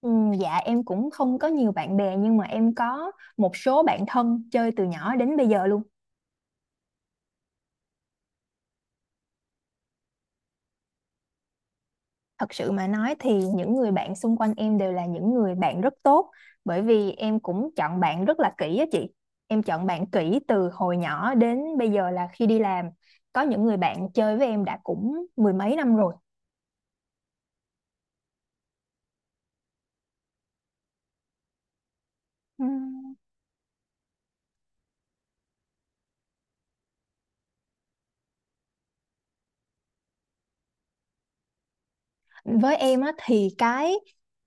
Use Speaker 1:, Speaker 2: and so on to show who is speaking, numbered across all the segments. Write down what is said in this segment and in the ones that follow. Speaker 1: Ừ, dạ em cũng không có nhiều bạn bè nhưng mà em có một số bạn thân chơi từ nhỏ đến bây giờ luôn. Thật sự mà nói thì những người bạn xung quanh em đều là những người bạn rất tốt, bởi vì em cũng chọn bạn rất là kỹ á chị. Em chọn bạn kỹ từ hồi nhỏ đến bây giờ là khi đi làm. Có những người bạn chơi với em đã cũng mười mấy năm rồi. Ừ. Với em á thì cái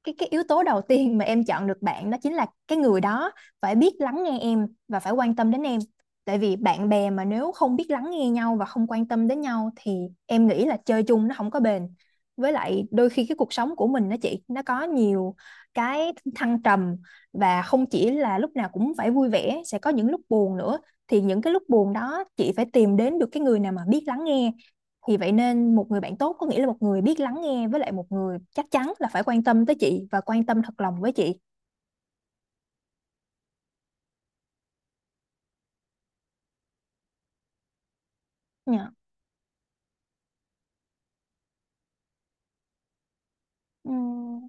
Speaker 1: cái cái yếu tố đầu tiên mà em chọn được bạn đó chính là cái người đó phải biết lắng nghe em và phải quan tâm đến em. Tại vì bạn bè mà nếu không biết lắng nghe nhau và không quan tâm đến nhau thì em nghĩ là chơi chung nó không có bền. Với lại đôi khi cái cuộc sống của mình đó chị, nó có nhiều cái thăng trầm, và không chỉ là lúc nào cũng phải vui vẻ, sẽ có những lúc buồn nữa. Thì những cái lúc buồn đó chị phải tìm đến được cái người nào mà biết lắng nghe. Vì vậy nên một người bạn tốt có nghĩa là một người biết lắng nghe, với lại một người chắc chắn là phải quan tâm tới chị và quan tâm thật lòng với chị. Dạ. Ừm,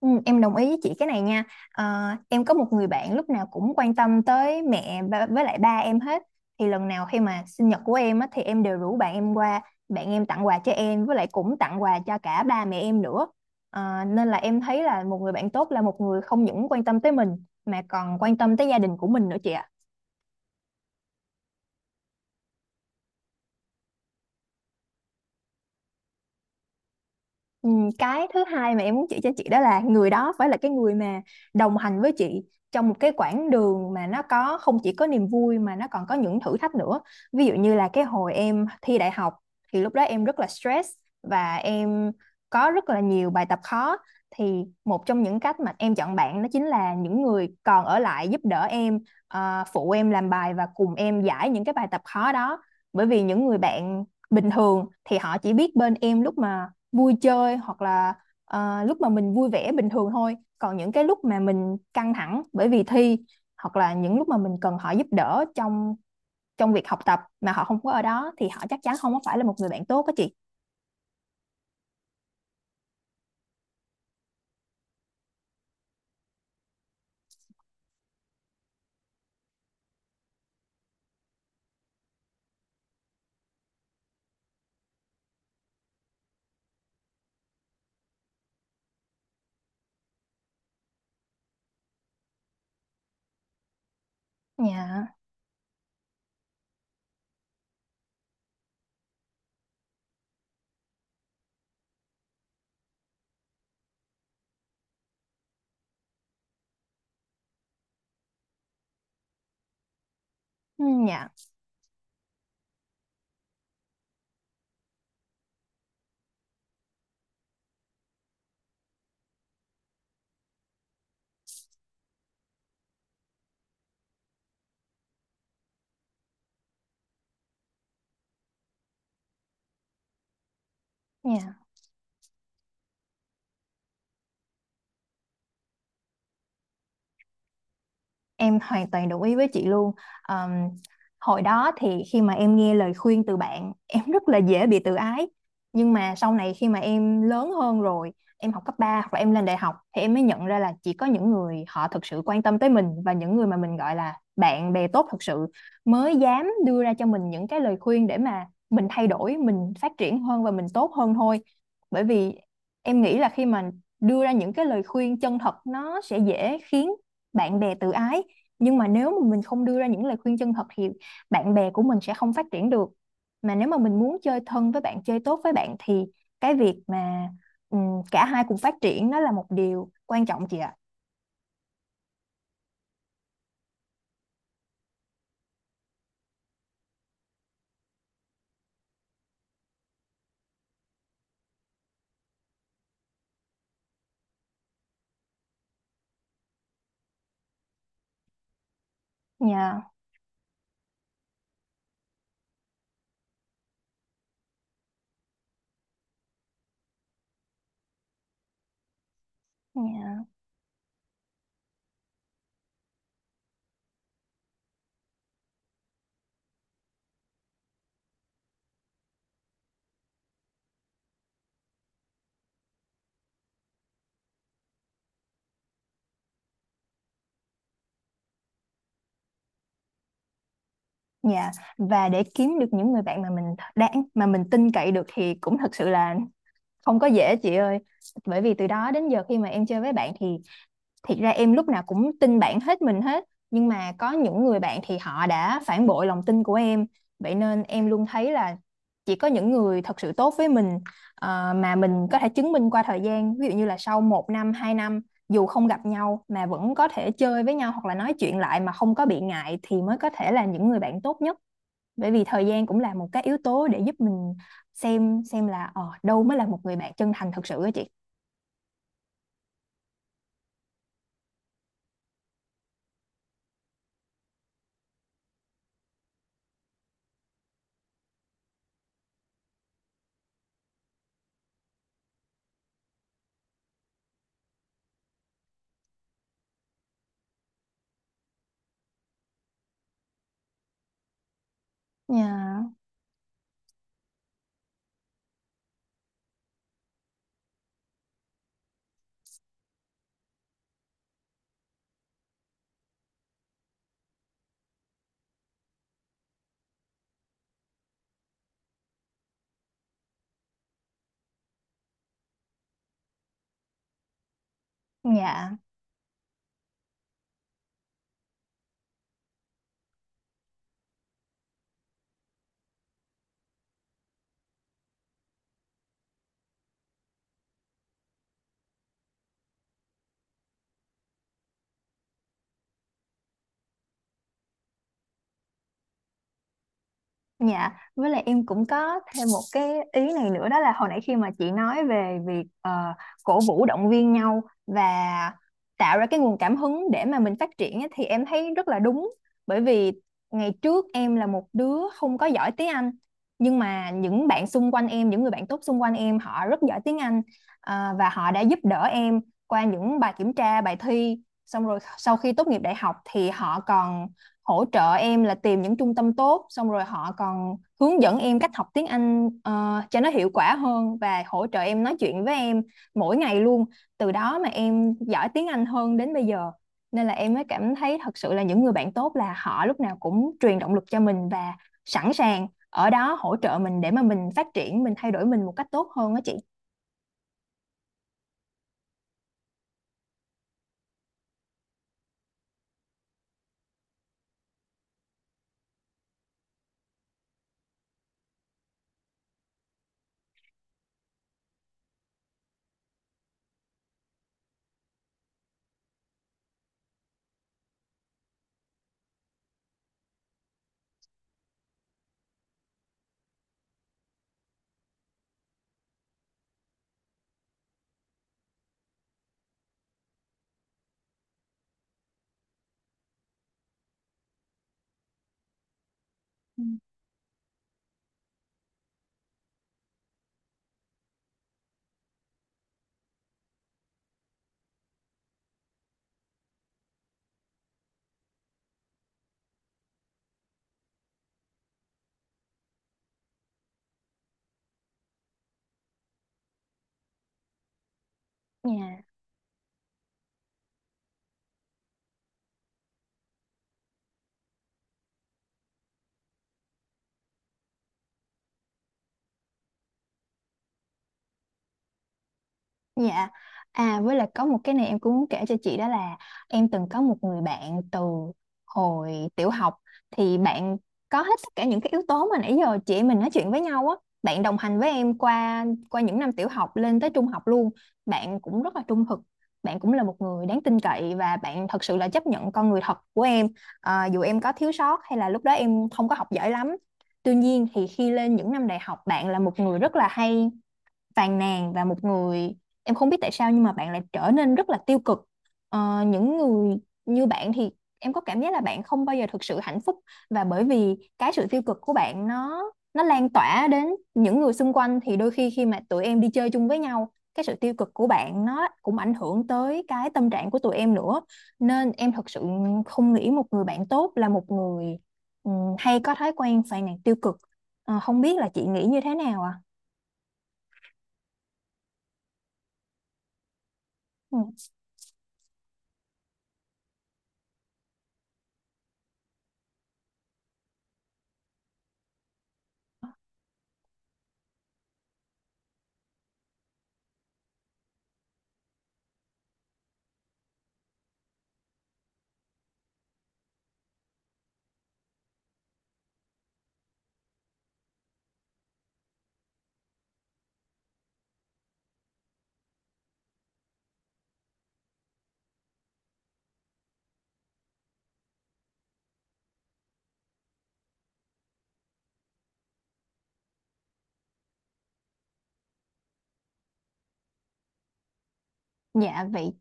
Speaker 1: em đồng ý với chị cái này nha. Ờ, em có một người bạn lúc nào cũng quan tâm tới mẹ với lại ba em hết. Thì lần nào khi mà sinh nhật của em á, thì em đều rủ bạn em qua, bạn em tặng quà cho em với lại cũng tặng quà cho cả ba mẹ em nữa. Nên là em thấy là một người bạn tốt là một người không những quan tâm tới mình mà còn quan tâm tới gia đình của mình nữa chị ạ. Ừ, cái thứ hai mà em muốn chỉ cho chị đó là người đó phải là cái người mà đồng hành với chị trong một cái quãng đường mà nó có không chỉ có niềm vui mà nó còn có những thử thách nữa. Ví dụ như là cái hồi em thi đại học thì lúc đó em rất là stress, và em có rất là nhiều bài tập khó. Thì một trong những cách mà em chọn bạn đó chính là những người còn ở lại giúp đỡ em, phụ em làm bài và cùng em giải những cái bài tập khó đó. Bởi vì những người bạn bình thường thì họ chỉ biết bên em lúc mà vui chơi, hoặc là lúc mà mình vui vẻ bình thường thôi. Còn những cái lúc mà mình căng thẳng bởi vì thi, hoặc là những lúc mà mình cần họ giúp đỡ trong trong việc học tập mà họ không có ở đó, thì họ chắc chắn không có phải là một người bạn tốt á chị. Dạ. Ừ, dạ, dạ. Em hoàn toàn đồng ý với chị luôn. Ờm, Hồi đó thì khi mà em nghe lời khuyên từ bạn, em rất là dễ bị tự ái. Nhưng mà sau này khi mà em lớn hơn rồi, em học cấp 3 hoặc là em lên đại học, thì em mới nhận ra là chỉ có những người họ thực sự quan tâm tới mình và những người mà mình gọi là bạn bè tốt thực sự mới dám đưa ra cho mình những cái lời khuyên để mà mình thay đổi, mình phát triển hơn và mình tốt hơn thôi. Bởi vì em nghĩ là khi mà đưa ra những cái lời khuyên chân thật nó sẽ dễ khiến bạn bè tự ái, nhưng mà nếu mà mình không đưa ra những lời khuyên chân thật thì bạn bè của mình sẽ không phát triển được. Mà nếu mà mình muốn chơi thân với bạn, chơi tốt với bạn, thì cái việc mà cả hai cùng phát triển nó là một điều quan trọng chị ạ. Dạ, dạ, dạ. Và để kiếm được những người bạn mà mình đáng mà mình tin cậy được thì cũng thật sự là không có dễ chị ơi. Bởi vì từ đó đến giờ khi mà em chơi với bạn thì thiệt ra em lúc nào cũng tin bạn hết mình hết, nhưng mà có những người bạn thì họ đã phản bội lòng tin của em. Vậy nên em luôn thấy là chỉ có những người thật sự tốt với mình, mà mình có thể chứng minh qua thời gian, ví dụ như là sau một năm hai năm dù không gặp nhau mà vẫn có thể chơi với nhau hoặc là nói chuyện lại mà không có bị ngại, thì mới có thể là những người bạn tốt nhất. Bởi vì thời gian cũng là một cái yếu tố để giúp mình xem là đâu mới là một người bạn chân thành thật sự á chị. Dạ. Dạ. Dạ, với lại em cũng có thêm một cái ý này nữa, đó là hồi nãy khi mà chị nói về việc cổ vũ động viên nhau và tạo ra cái nguồn cảm hứng để mà mình phát triển ấy, thì em thấy rất là đúng. Bởi vì ngày trước em là một đứa không có giỏi tiếng Anh, nhưng mà những bạn xung quanh em, những người bạn tốt xung quanh em họ rất giỏi tiếng Anh. Và họ đã giúp đỡ em qua những bài kiểm tra, bài thi. Xong rồi sau khi tốt nghiệp đại học thì họ còn hỗ trợ em là tìm những trung tâm tốt, xong rồi họ còn hướng dẫn em cách học tiếng Anh cho nó hiệu quả hơn, và hỗ trợ em nói chuyện với em mỗi ngày luôn. Từ đó mà em giỏi tiếng Anh hơn đến bây giờ. Nên là em mới cảm thấy thật sự là những người bạn tốt là họ lúc nào cũng truyền động lực cho mình và sẵn sàng ở đó hỗ trợ mình để mà mình phát triển mình, thay đổi mình một cách tốt hơn đó chị. Ừ. Dạ. Dạ. À, với lại có một cái này em cũng muốn kể cho chị, đó là em từng có một người bạn từ hồi tiểu học. Thì bạn có hết tất cả những cái yếu tố mà nãy giờ chị em mình nói chuyện với nhau á. Bạn đồng hành với em qua qua những năm tiểu học lên tới trung học luôn. Bạn cũng rất là trung thực. Bạn cũng là một người đáng tin cậy và bạn thật sự là chấp nhận con người thật của em. À, dù em có thiếu sót hay là lúc đó em không có học giỏi lắm. Tuy nhiên thì khi lên những năm đại học bạn là một người rất là hay phàn nàn, và một người em không biết tại sao nhưng mà bạn lại trở nên rất là tiêu cực. Những người như bạn thì em có cảm giác là bạn không bao giờ thực sự hạnh phúc. Và bởi vì cái sự tiêu cực của bạn nó lan tỏa đến những người xung quanh, thì đôi khi khi mà tụi em đi chơi chung với nhau cái sự tiêu cực của bạn nó cũng ảnh hưởng tới cái tâm trạng của tụi em nữa. Nên em thật sự không nghĩ một người bạn tốt là một người ừ, hay có thói quen phàn nàn tiêu cực. Không biết là chị nghĩ như thế nào ạ? À? Dạ vậy.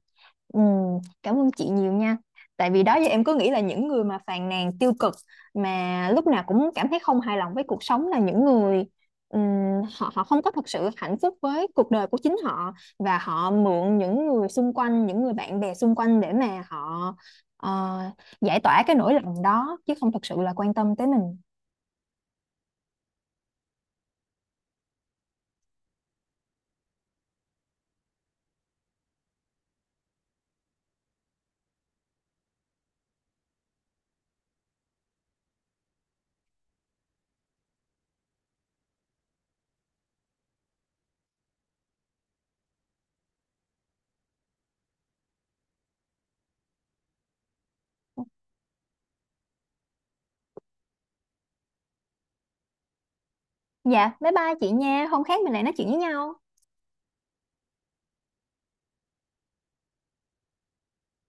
Speaker 1: Cảm ơn chị nhiều nha. Tại vì đó giờ em cứ nghĩ là những người mà phàn nàn tiêu cực, mà lúc nào cũng cảm thấy không hài lòng với cuộc sống là những người ừm, họ họ không có thật sự hạnh phúc với cuộc đời của chính họ, và họ mượn những người xung quanh, những người bạn bè xung quanh để mà họ ờ, giải tỏa cái nỗi lòng đó chứ không thật sự là quan tâm tới mình. Dạ, bye bye chị nha. Hôm khác mình lại nói chuyện với nhau.